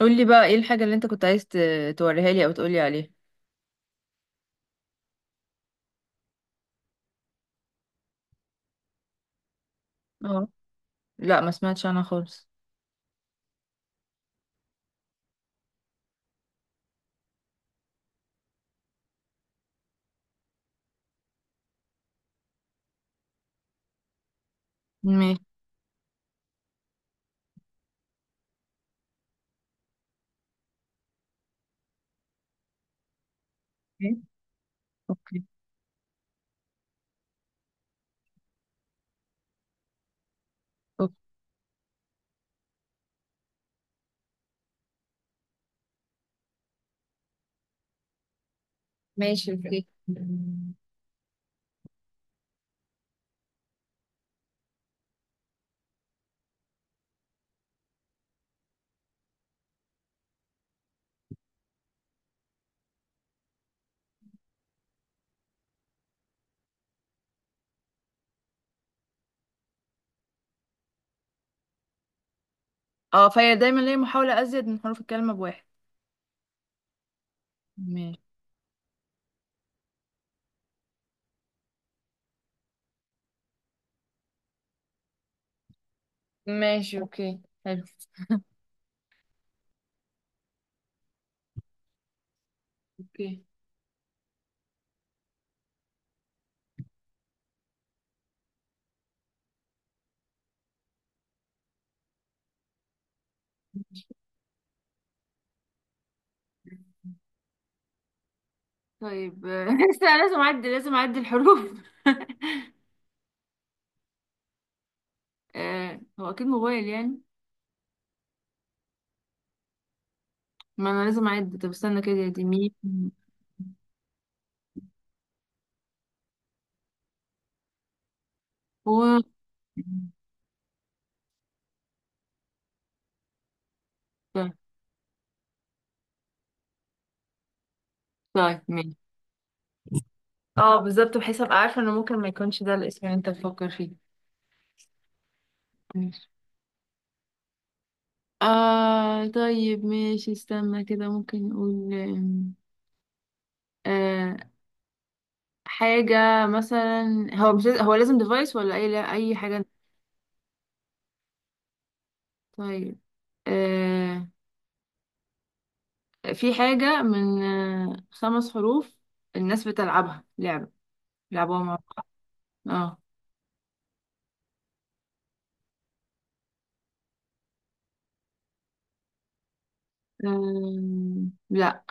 قولي بقى ايه الحاجة اللي انت كنت عايز توريها لي او تقولي عليها. اه، لا ما سمعتش عنها خالص. ماشي. اوكي. اوكي. ماشي. اوكي. اه، فهي دايما ليا محاولة ازيد من حروف الكلمة بواحد. ماشي. ماشي، اوكي، حلو. اوكي. طيب، لسه لازم اعد الحروف هو اكيد موبايل يعني. ما انا لازم اعد، طب استنى كده يا دي ميم. و. طيب، طيب، ماشي. اه بالظبط، بحيث ابقى عارفه انه ممكن ما يكونش ده الاسم اللي انت بتفكر فيه. ماشي. طيب، ماشي، استنى كده، ممكن نقول آه حاجة مثلا. هو لازم ديفايس ولا أي، لا أي حاجة؟ طيب. آه في حاجة من خمس حروف، الناس بتلعبها لعبة، لعبوها مع بعض. اه. لا.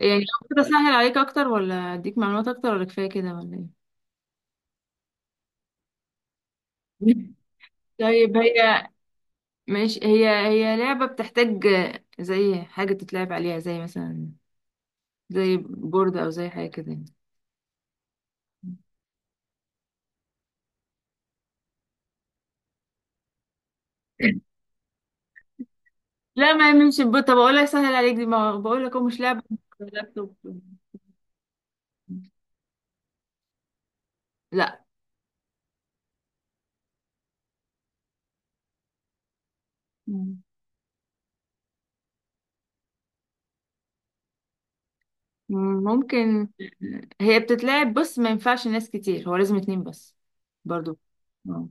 يعني لو كده أسهل عليك أكتر، ولا أديك معلومات أكتر، ولا كفاية كده ولا إيه؟ طيب هي، ماشي، هي لعبة بتحتاج زي حاجة تتلعب عليها، زي مثلا، زي بورد، او زي حاجه كده يعني. لا، ما يعملش بورد. طب اقول لك، سهل عليك، دي ما بقول لك هو مش لعبه. لابتوب. لا. مم. ممكن. هي بتتلعب، بص ما ينفعش ناس كتير، هو لازم اتنين بس، برضو. اه.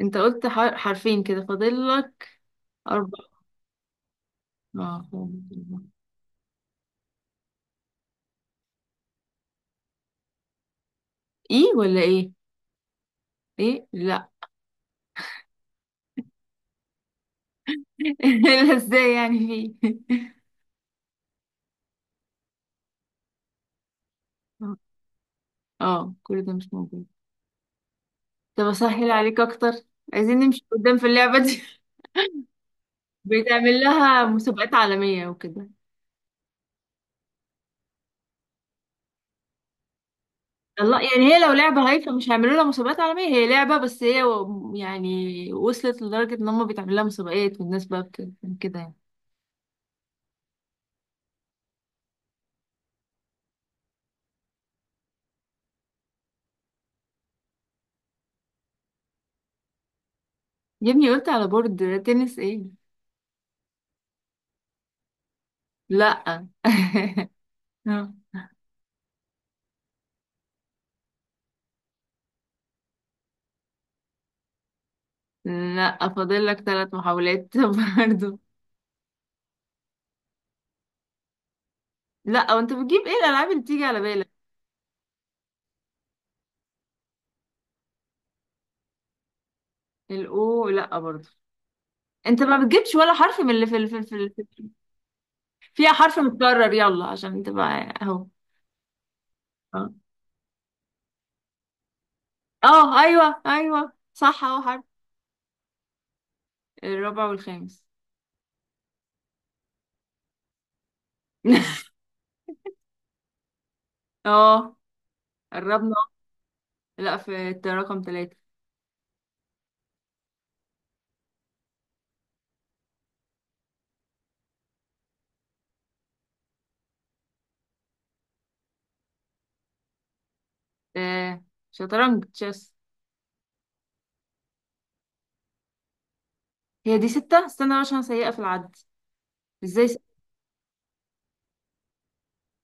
انت قلت حرفين، كده فاضل لك اربع. اه. ايه ولا ايه؟ ايه، لا. لا، ازاي يعني؟ في. اه، كل ده مش موجود. طب اسهل عليك اكتر، عايزين نمشي قدام في اللعبة دي؟ بيتعمل لها مسابقات عالمية وكده. الله، يعني هي لو لعبة هايفة مش هيعملوا لها مسابقات عالمية. هي لعبة بس هي يعني وصلت لدرجة ان هم بيتعمل لها مسابقات، والناس بقى كده يعني. يا ابني قلت على بورد، تنس ايه؟ لا. لا، فاضل لك ثلاث محاولات برضه. لا، وانت بتجيب ايه الالعاب اللي تيجي على بالك؟ الاو، لا برضه. انت ما بتجيبش ولا حرف من اللي في ال- فيها حرف متكرر، يلا عشان تبقى اهو. اه، ايوه، ايوه، صح، اه، حرف الرابع والخامس. اه، قربنا. لا، رقم ثلاثة. آه، شطرنج، تشيس. هي دي ستة، استنى بقى عشان سيئة في العد. ازاي ستة؟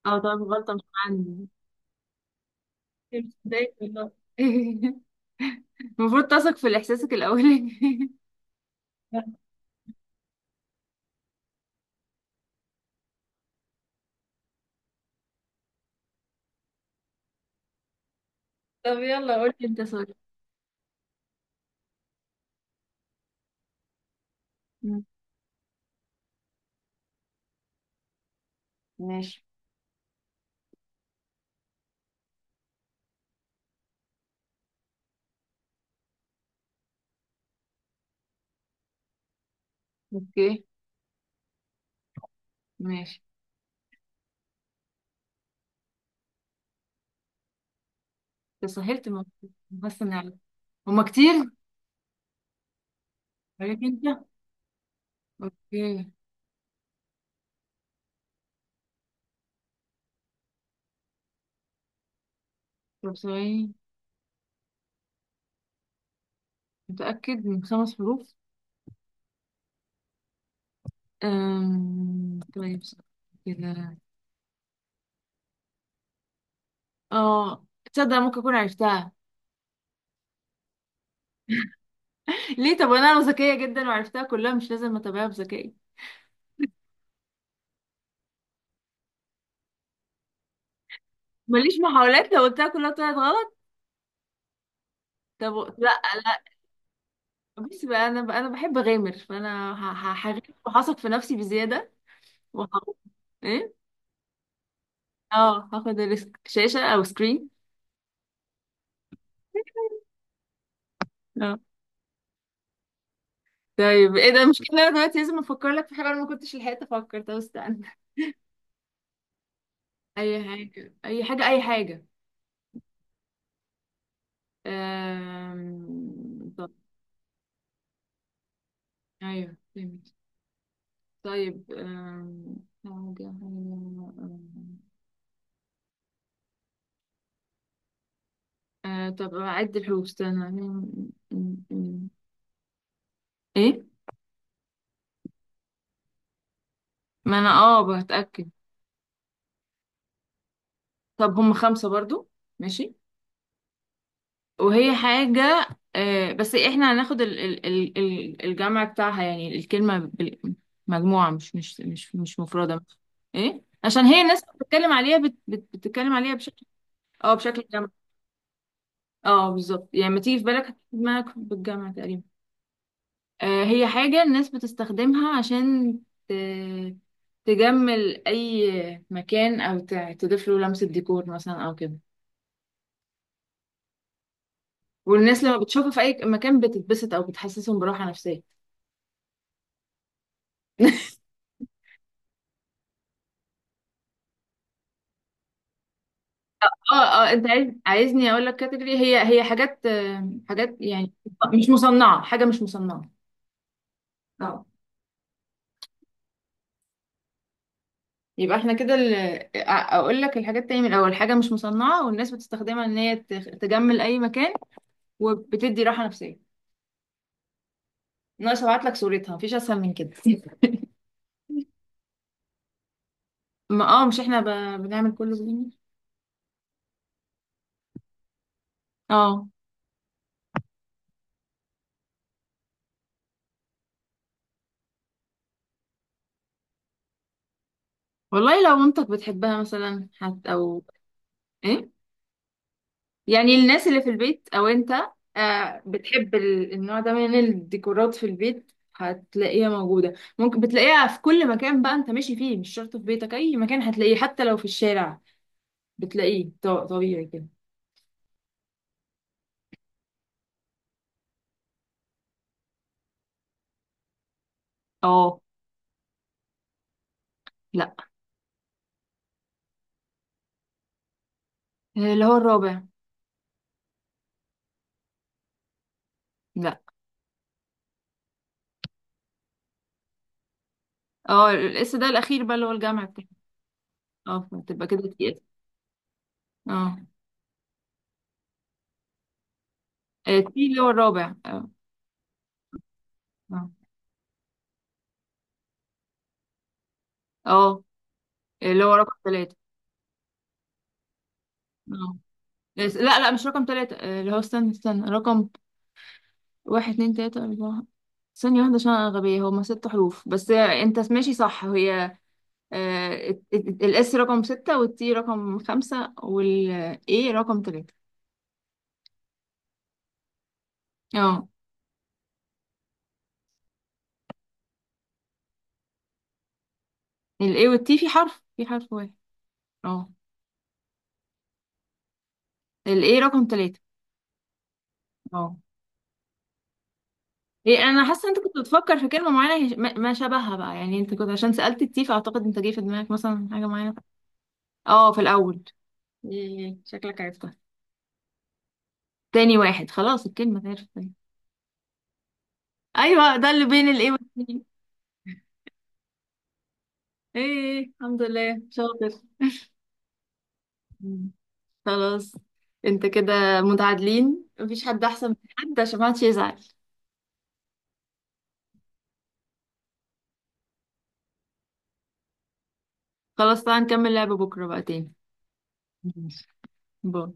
اه طب غلطة مش عندي. مش مصدقك والله. المفروض تثق في احساسك الاولي طب يلا قول لي انت سؤال. مم. ماشي. اوكي. ماشي. تسهلت الموضوع. بس نعلم. هما كتير. عليك انت. اوكي. طب ثواني. متأكد من خمس حروف؟ طيب، كده، اه، تصدق ممكن أكون عرفتها. ليه؟ طب أنا ذكية جدا وعرفتها كلها، مش لازم أتابعها بذكائي. ماليش محاولات لو قلتها كلها طلعت غلط. طب، لا، لا. بس بقى أنا، بقى أنا بحب أغامر، فأنا هغامر وهثق في نفسي بزيادة. وهقول إيه. اه، هاخد الريسك. شاشة أو سكرين. اه طيب. ايه ده. المشكلة إن انا دلوقتي لازم افكر لك في حاجة، انا ما كنتش لحقت افكر. طب استنى. اي حاجة، اي حاجة، اي حاجة. طب. أيوه، فهمت. طيب حاجة حاجة طب أعد الحروف استنى أم، أم، أم. إيه؟ ما أنا بتأكد. طب هم خمسة برضو. ماشي. وهي حاجة. بس إحنا هناخد الجمع بتاعها، يعني الكلمة مجموعة، مش مفردة. إيه؟ عشان هي الناس بتتكلم عليها بتتكلم عليها بشكل. اه، بشكل جمع. اه، بالظبط. يعني ما تيجي في بالك، هتيجي في دماغك بالجامعة تقريبا. هي حاجة الناس بتستخدمها عشان ت... تجمل أي مكان، أو تضيف له لمسة ديكور مثلا أو كده. والناس لما بتشوفها في أي مكان بتتبسط أو بتحسسهم براحة نفسية. اه، اه، انت عايزني اقول لك كاتيجوري. هي، هي حاجات حاجات يعني. مش مصنعه، حاجه مش مصنعه. اه. يبقى احنا كده، اقول لك الحاجات تاني من الاول. حاجه مش مصنعه والناس بتستخدمها ان هي تجمل اي مكان وبتدي راحة نفسية. ناقص ابعت لك صورتها، مفيش اسهل من كده. ما مش احنا بنعمل كله بالانجلش. اه، والله لو مامتك بتحبها مثلا، حت او. ايه. يعني الناس اللي في البيت او انت بتحب النوع ده من الديكورات في البيت، هتلاقيها موجودة. ممكن بتلاقيها في كل مكان بقى انت ماشي فيه، مش شرط في بيتك، اي مكان هتلاقيه، حتى لو في الشارع بتلاقيه طبيعي كده. اه. لا. اللي هو الرابع. لا. اه، لسه ده الاخير بقى، اللي هو الجامع بتاعي. اه، بتبقى كده. اه. تي اللي هو الرابع، اه. اه. آه، اللي هو رقم ثلاثة. اه، لا، لا، مش رقم ثلاثة، اللي هو استنى استنى، رقم واحد اتنين تلاتة أربعة. ثانية واحدة عشان أنا غبية، هما ست حروف بس. أنت ماشي صح. هي الإس رقم ستة، والتي رقم خمسة، والإيه رقم ثلاثة. اه، الإيه والتي في حرف واحد. اه. الإيه رقم ثلاثة. هي انا حاسه انت كنت بتفكر في كلمه معينه. ما شبهها بقى، يعني انت كنت، عشان سالت التي، فاعتقد انت جه في دماغك مثلا حاجه معينه. اه، في الاول. إيه، شكلك عرفتها. تاني واحد خلاص، الكلمه اتعرفت تاني. ايوه، ده اللي بين الايه والسين. ايه، الحمد لله، شاطر. مم. خلاص. انت كده متعادلين، مفيش حد احسن من حد، عشان ما حدش يزعل. خلاص تعالى نكمل لعبه بكره بقى تاني. ماشي. باي.